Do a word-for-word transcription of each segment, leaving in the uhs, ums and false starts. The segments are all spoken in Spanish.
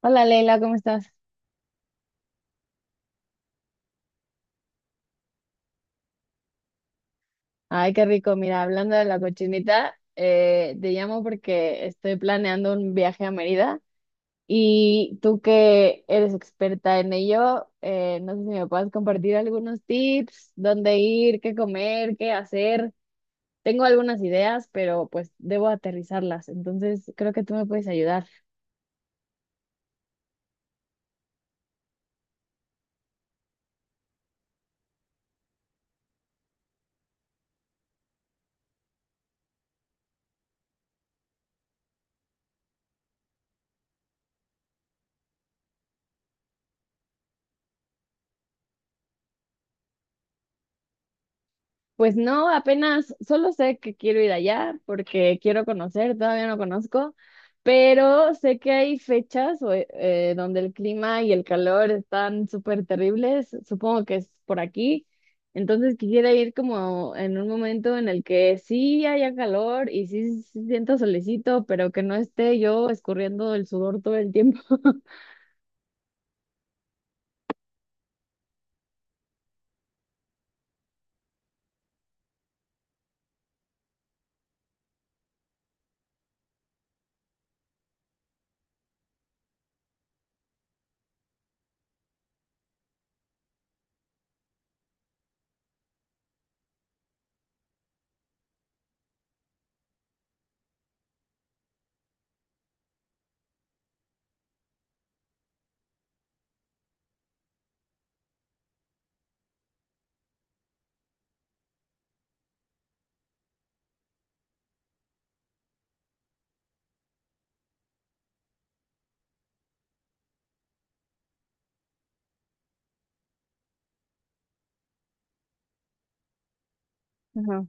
Hola Leila, ¿cómo estás? Ay, qué rico. Mira, hablando de la cochinita, eh, te llamo porque estoy planeando un viaje a Mérida y tú que eres experta en ello, eh, no sé si me puedes compartir algunos tips, dónde ir, qué comer, qué hacer. Tengo algunas ideas, pero pues debo aterrizarlas, entonces creo que tú me puedes ayudar. Pues no, apenas solo sé que quiero ir allá porque quiero conocer, todavía no conozco, pero sé que hay fechas o, eh, eh, donde el clima y el calor están súper terribles, supongo que es por aquí, entonces quisiera ir como en un momento en el que sí haya calor y sí, sí siento solecito, pero que no esté yo escurriendo el sudor todo el tiempo. Ajá.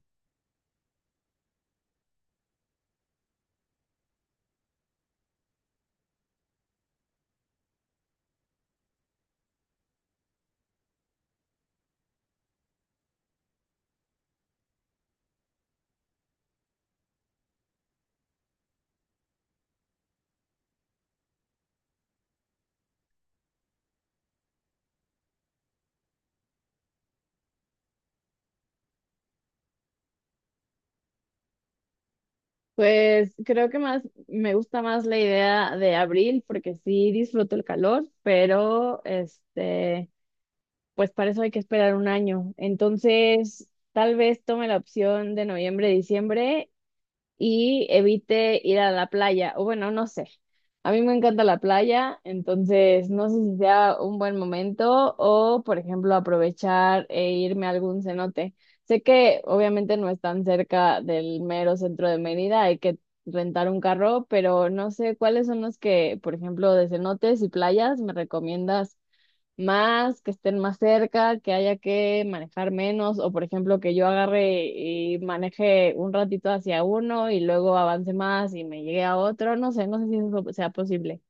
Pues creo que más me gusta más la idea de abril porque sí disfruto el calor, pero este, pues para eso hay que esperar un año. Entonces, tal vez tome la opción de noviembre, diciembre y evite ir a la playa, o bueno, no sé. A mí me encanta la playa, entonces no sé si sea un buen momento o, por ejemplo, aprovechar e irme a algún cenote. Sé que obviamente no es tan cerca del mero centro de Mérida, hay que rentar un carro, pero no sé cuáles son los que, por ejemplo, de cenotes y playas me recomiendas más, que estén más cerca, que haya que manejar menos, o por ejemplo que yo agarre y maneje un ratito hacia uno y luego avance más y me llegue a otro, no sé, no sé si eso sea posible.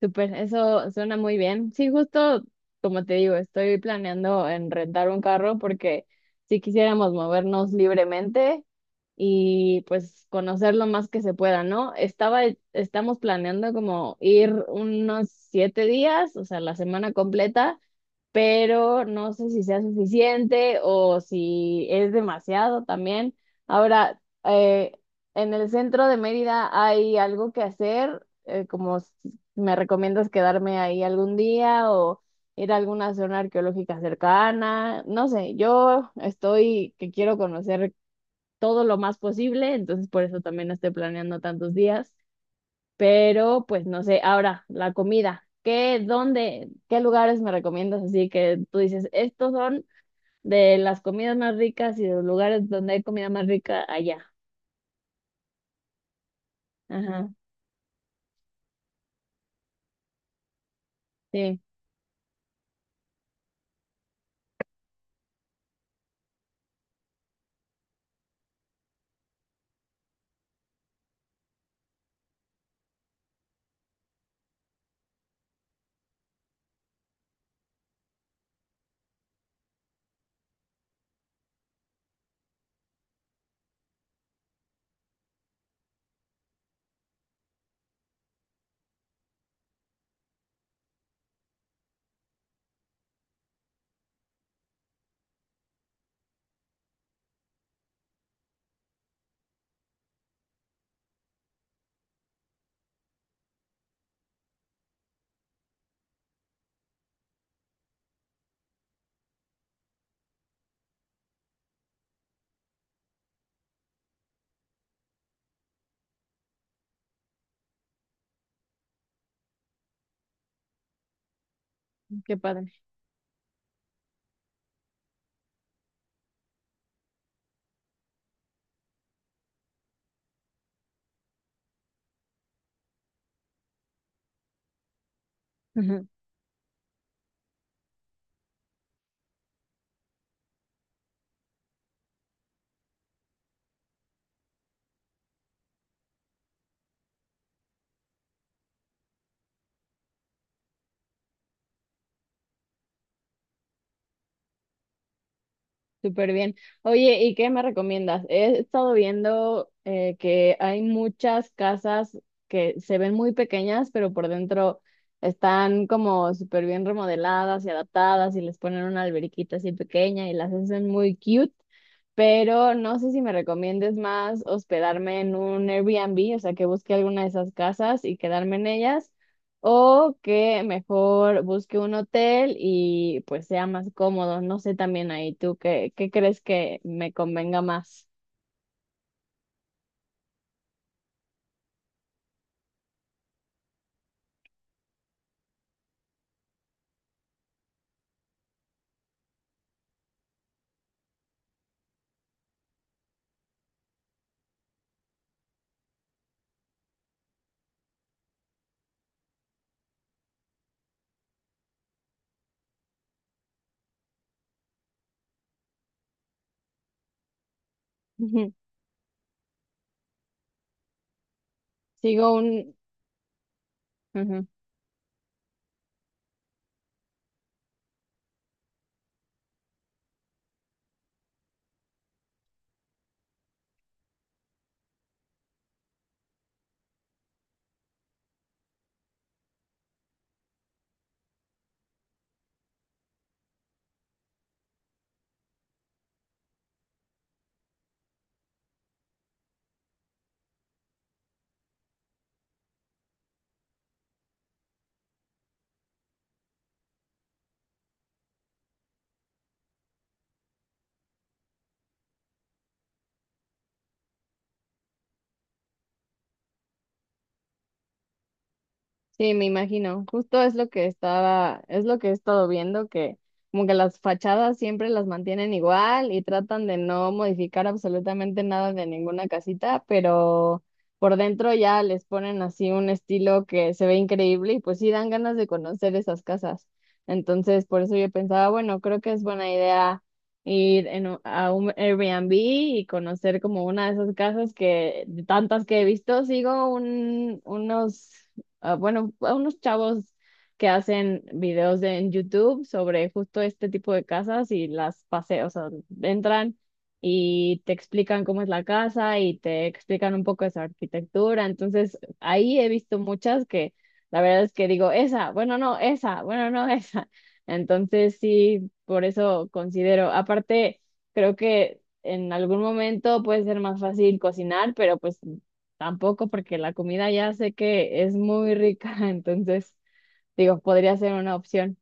Súper, eso suena muy bien. Sí, justo como te digo, estoy planeando en rentar un carro porque si quisiéramos movernos libremente y pues conocer lo más que se pueda, ¿no? Estaba, estamos planeando como ir unos siete días, o sea, la semana completa, pero no sé si sea suficiente o si es demasiado también. Ahora, eh, en el centro de Mérida hay algo que hacer, eh, como s- me recomiendas quedarme ahí algún día o ir a alguna zona arqueológica cercana, no sé, yo estoy que quiero conocer todo lo más posible, entonces por eso también estoy planeando tantos días, pero pues no sé, ahora la comida, ¿qué, dónde, qué lugares me recomiendas? Así que tú dices, estos son de las comidas más ricas y de los lugares donde hay comida más rica allá. Ajá, sí, qué padre. Súper bien. Oye, ¿y qué me recomiendas? He estado viendo eh, que hay muchas casas que se ven muy pequeñas, pero por dentro están como súper bien remodeladas y adaptadas y les ponen una alberquita así pequeña y las hacen muy cute, pero no sé si me recomiendes más hospedarme en un Airbnb, o sea, que busque alguna de esas casas y quedarme en ellas o que mejor busque un hotel y pues sea más cómodo. No sé también ahí tú qué, qué crees que me convenga más. Sigo un... Ujú. Sí, me imagino. Justo es lo que estaba, es lo que he estado viendo, que como que las fachadas siempre las mantienen igual y tratan de no modificar absolutamente nada de ninguna casita, pero por dentro ya les ponen así un estilo que se ve increíble y pues sí dan ganas de conocer esas casas. Entonces, por eso yo pensaba, bueno, creo que es buena idea ir en u- a un Airbnb y conocer como una de esas casas que de tantas que he visto, sigo un, unos a, bueno, a unos chavos que hacen videos de- en YouTube sobre justo este tipo de casas y las pasean, o sea, entran y te explican cómo es la casa y te explican un poco de su arquitectura. Entonces, ahí he visto muchas que la verdad es que digo, esa, bueno, no, esa, bueno, no, esa. Entonces, sí, por eso considero, aparte, creo que en algún momento puede ser más fácil cocinar, pero pues tampoco porque la comida ya sé que es muy rica, entonces digo, podría ser una opción,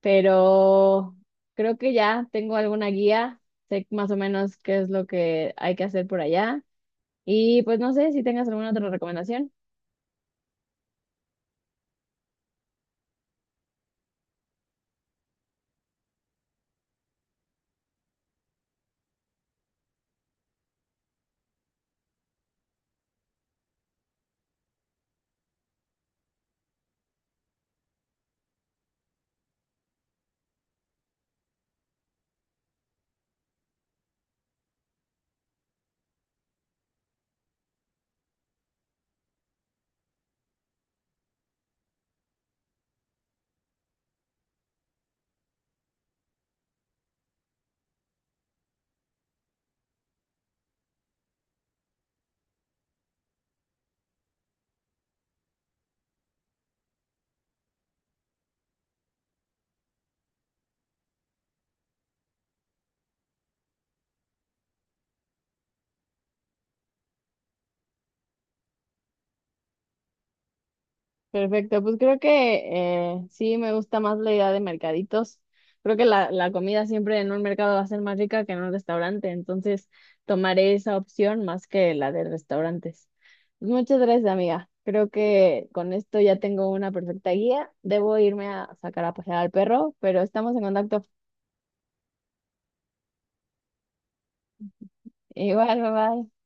pero creo que ya tengo alguna guía, sé más o menos qué es lo que hay que hacer por allá y pues no sé si tengas alguna otra recomendación. Perfecto, pues creo que eh, sí me gusta más la idea de mercaditos. Creo que la, la comida siempre en un mercado va a ser más rica que en un restaurante, entonces tomaré esa opción más que la de restaurantes. Muchas gracias, amiga. Creo que con esto ya tengo una perfecta guía. Debo irme a sacar a pasear al perro, pero estamos en contacto. Igual, bye bye.